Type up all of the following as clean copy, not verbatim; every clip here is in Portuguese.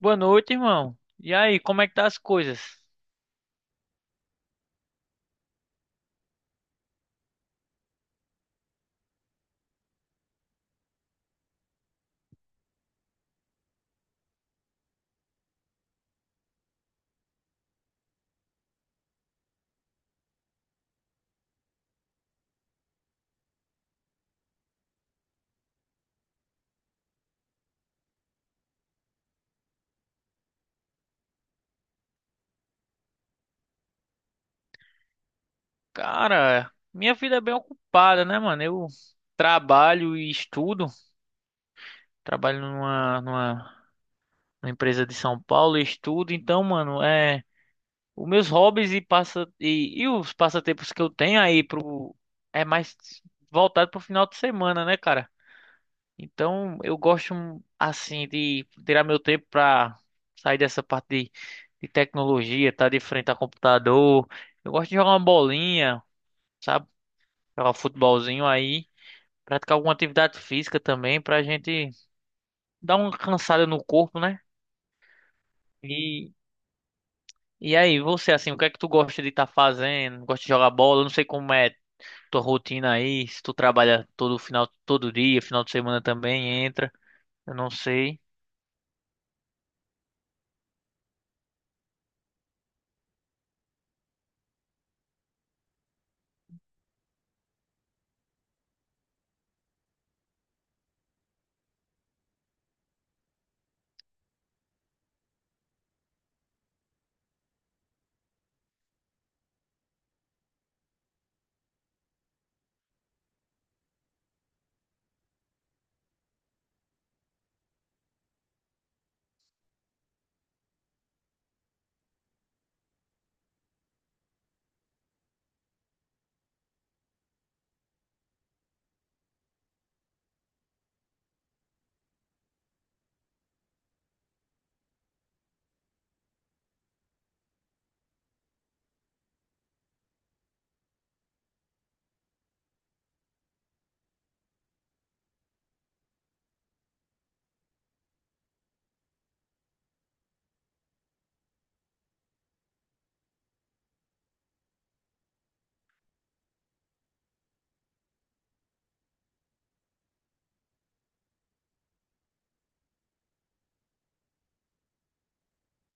Boa noite, irmão. E aí, como é que tá as coisas? Cara, minha vida é bem ocupada, né, mano? Eu trabalho e estudo. Trabalho numa empresa de São Paulo e estudo. Então, mano, é os meus hobbies e passa e os passatempos que eu tenho aí pro é mais voltado pro final de semana, né, cara? Então, eu gosto assim de tirar meu tempo para sair dessa parte de tecnologia, tá de frente a computador. Eu gosto de jogar uma bolinha, sabe? Jogar um futebolzinho aí, praticar alguma atividade física também pra gente dar uma cansada no corpo, né? E e aí, você assim, o que é que tu gosta de estar fazendo? Gosta de jogar bola? Eu não sei como é tua rotina aí, se tu trabalha todo final, todo dia, final de semana também entra. Eu não sei.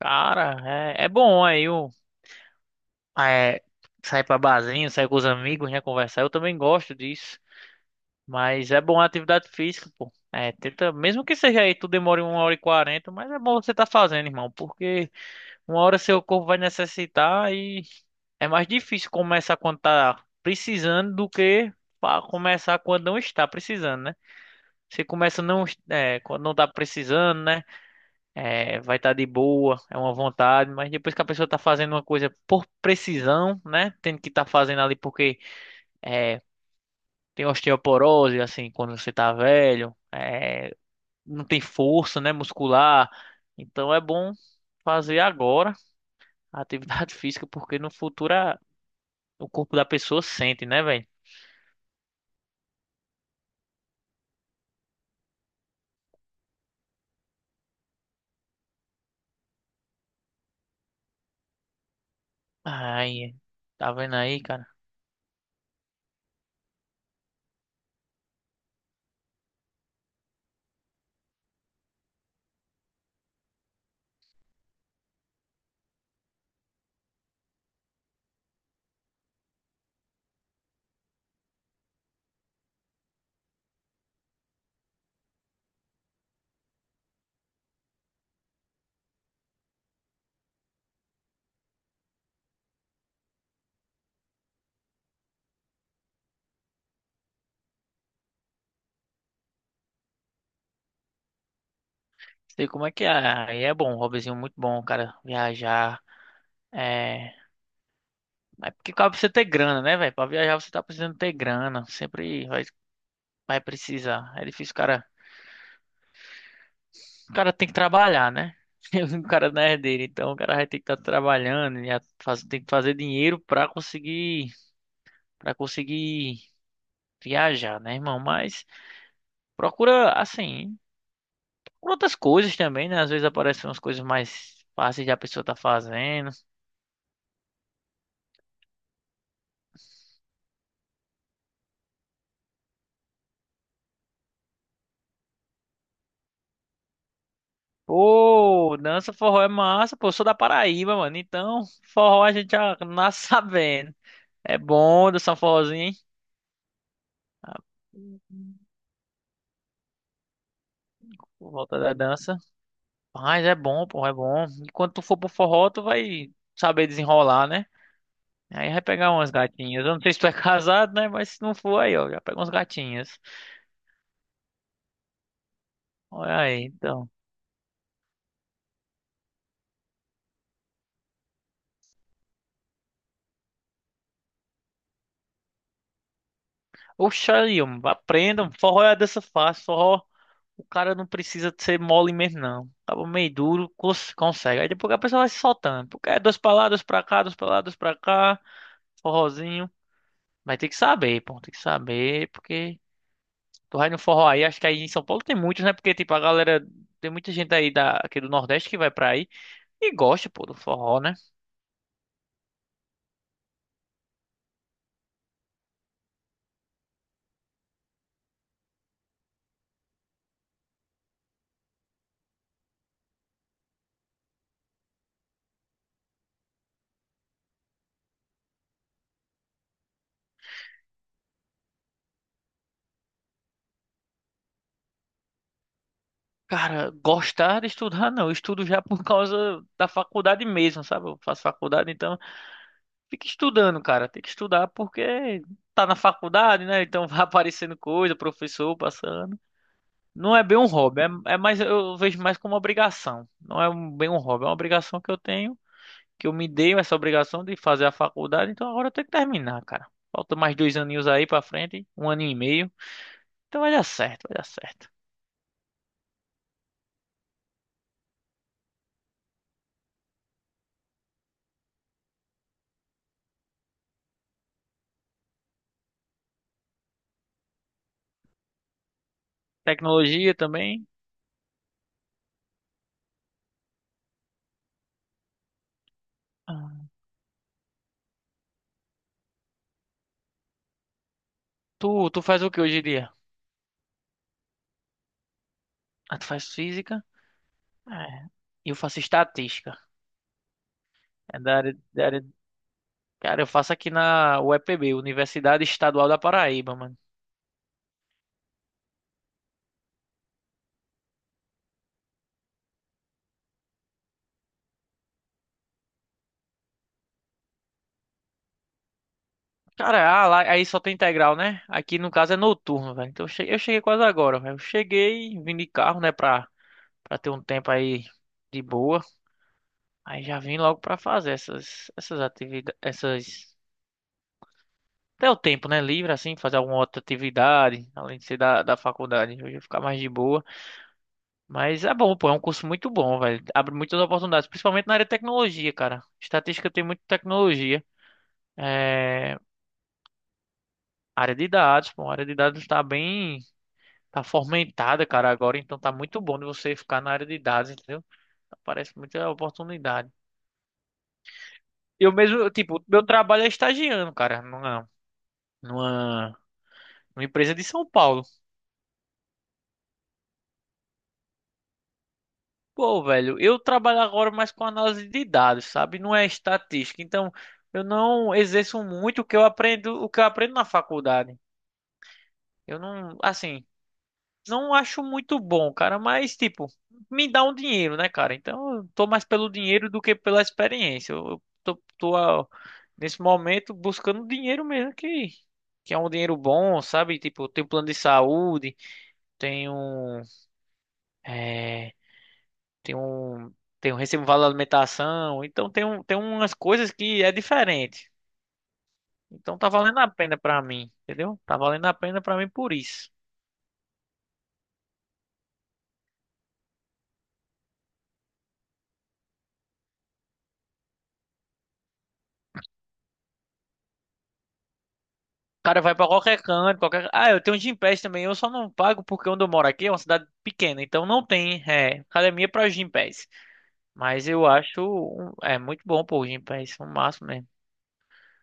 Cara, é bom aí. Ah, é, sair pra barzinho, sair com os amigos, né? Conversar. Eu também gosto disso. Mas é bom a atividade física, pô. É, tenta, mesmo que seja aí, tu demore 1 hora e 40, mas é bom você tá fazendo, irmão, porque uma hora seu corpo vai necessitar e é mais difícil começar quando tá precisando do que começar quando não está precisando, né? Você começa não, é, quando não tá precisando, né? É, vai estar de boa, é uma vontade, mas depois que a pessoa tá fazendo uma coisa por precisão, né? Tendo que estar fazendo ali porque é, tem osteoporose, assim, quando você tá velho, é, não tem força, né, muscular. Então é bom fazer agora a atividade física, porque no futuro o corpo da pessoa sente, né, velho? Ai, tá vendo aí, cara? Sei como é que é. Aí é bom, um hobbyzinho muito bom, cara. Viajar. É, mas porque pra você ter grana, né, velho? Pra viajar você tá precisando ter grana. Vai precisar. É difícil, o cara. O cara tem que trabalhar, né? O cara não é herdeiro, então o cara vai ter que estar trabalhando e tem que fazer dinheiro pra conseguir para conseguir viajar, né, irmão? Mas procura assim, procura outras coisas também, né? Às vezes aparecem umas coisas mais fáceis de a pessoa tá fazendo. Pô, dança forró é massa, pô, eu sou da Paraíba, mano. Então, forró a gente já nasce sabendo. É bom dançar um forrozinho, hein? Por volta da dança. Mas é bom, pô, é bom. E quando tu for pro forró, tu vai saber desenrolar, né? Aí vai pegar umas gatinhas. Eu não sei se tu é casado, né? Mas se não for, aí, ó, já pega umas gatinhas. Olha aí, então. Oxa, aí, ó, aprendam. Forró é a dança fácil. Forró, o cara não precisa ser mole mesmo, não. Acaba meio duro, consegue. Aí depois a pessoa vai se soltando. Porque é 2 pra lá, 2 pra cá, 2 pra lá, 2 pra cá. Forrozinho. Vai ter que saber, pô. Tem que saber, porque. Tu vai no forró aí, acho que aí em São Paulo tem muitos, né? Porque, tipo, a galera. Tem muita gente aí da, aqui do Nordeste que vai pra aí e gosta, pô, do forró, né? Cara, gostar de estudar, não. Eu estudo já por causa da faculdade mesmo, sabe? Eu faço faculdade, então fica estudando, cara. Tem que estudar porque tá na faculdade, né? Então vai aparecendo coisa, professor passando. Não é bem um hobby, é mais, eu vejo mais como uma obrigação. Não é bem um hobby, é uma obrigação que eu tenho. Que eu me dei essa obrigação de fazer a faculdade, então agora eu tenho que terminar, cara. Falta mais 2 aninhos aí pra frente, um aninho e meio. Então vai dar certo, vai dar certo. Tecnologia também. Ah, tu faz o que hoje em dia? Ah, tu faz física? É. Eu faço estatística. É da área... Cara, eu faço aqui na UEPB, Universidade Estadual da Paraíba, mano. Cara, ah, lá, aí só tem integral, né? Aqui no caso é noturno, velho. Então eu cheguei quase agora, velho. Eu cheguei, vim de carro, né, pra, pra ter um tempo aí de boa. Aí já vim logo pra fazer essas atividades, essas... Até o tempo, né? Livre, assim, fazer alguma outra atividade, além de ser da faculdade. Hoje eu ia ficar mais de boa. Mas é bom, pô, é um curso muito bom, velho. Abre muitas oportunidades, principalmente na área de tecnologia, cara. Estatística tem muita tecnologia. É... Área de dados, pô, a área de dados tá bem... Tá fomentada, cara, agora. Então tá muito bom de você ficar na área de dados, entendeu? Aparece muita oportunidade. Eu mesmo, tipo, meu trabalho é estagiando, cara. Não é... Numa Uma empresa de São Paulo. Pô, velho, eu trabalho agora mais com análise de dados, sabe? Não é estatística. Então, eu não exerço muito o que eu aprendo, o que eu aprendo na faculdade. Eu não, assim, não acho muito bom, cara, mas tipo, me dá um dinheiro, né, cara? Então, eu tô mais pelo dinheiro do que pela experiência. Tô nesse momento buscando dinheiro mesmo que é um dinheiro bom, sabe? Tipo, eu tenho plano de saúde, tenho eh, tem um, tem um recibo de vale alimentação, então tem umas coisas que é diferente. Então tá valendo a pena pra mim, entendeu? Tá valendo a pena pra mim por isso. O cara vai pra qualquer canto, qualquer... Ah, eu tenho Gympass também, eu só não pago porque onde eu moro aqui é uma cidade pequena, então não tem é, academia pra Gympass. Mas eu acho é muito bom pô, o Gympass, um máximo mesmo.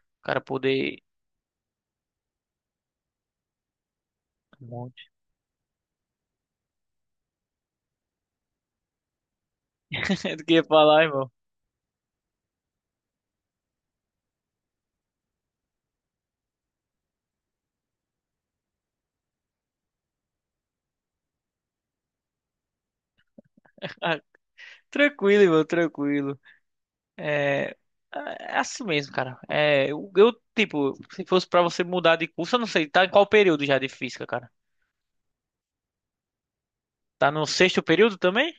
O cara poder... Um monte. Do que ia falar, irmão? Ah, tranquilo, irmão, tranquilo. É, é é assim mesmo, cara. É, eu, tipo, se fosse pra você mudar de curso, eu não sei, tá em qual período já de física, cara? Tá no sexto período também?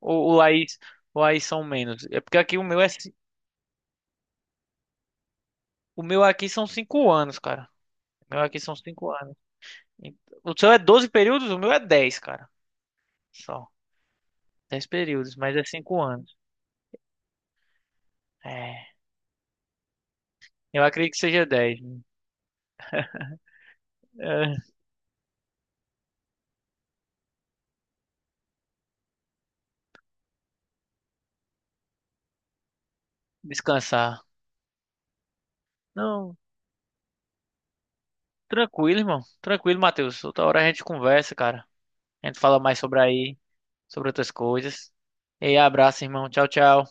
Ou, ou aí, ou aí são menos? É porque aqui o meu é, o meu aqui são 5 anos, cara. O meu aqui são cinco anos. E- O seu é 12 períodos, o meu é 10, cara. Só. 10 períodos, mas é 5 anos. É, eu acredito que seja 10. É, descansar. Não, tranquilo, irmão. Tranquilo, Matheus. Outra hora a gente conversa, cara. A gente fala mais sobre aí, sobre outras coisas. E aí, abraço, irmão. Tchau, tchau.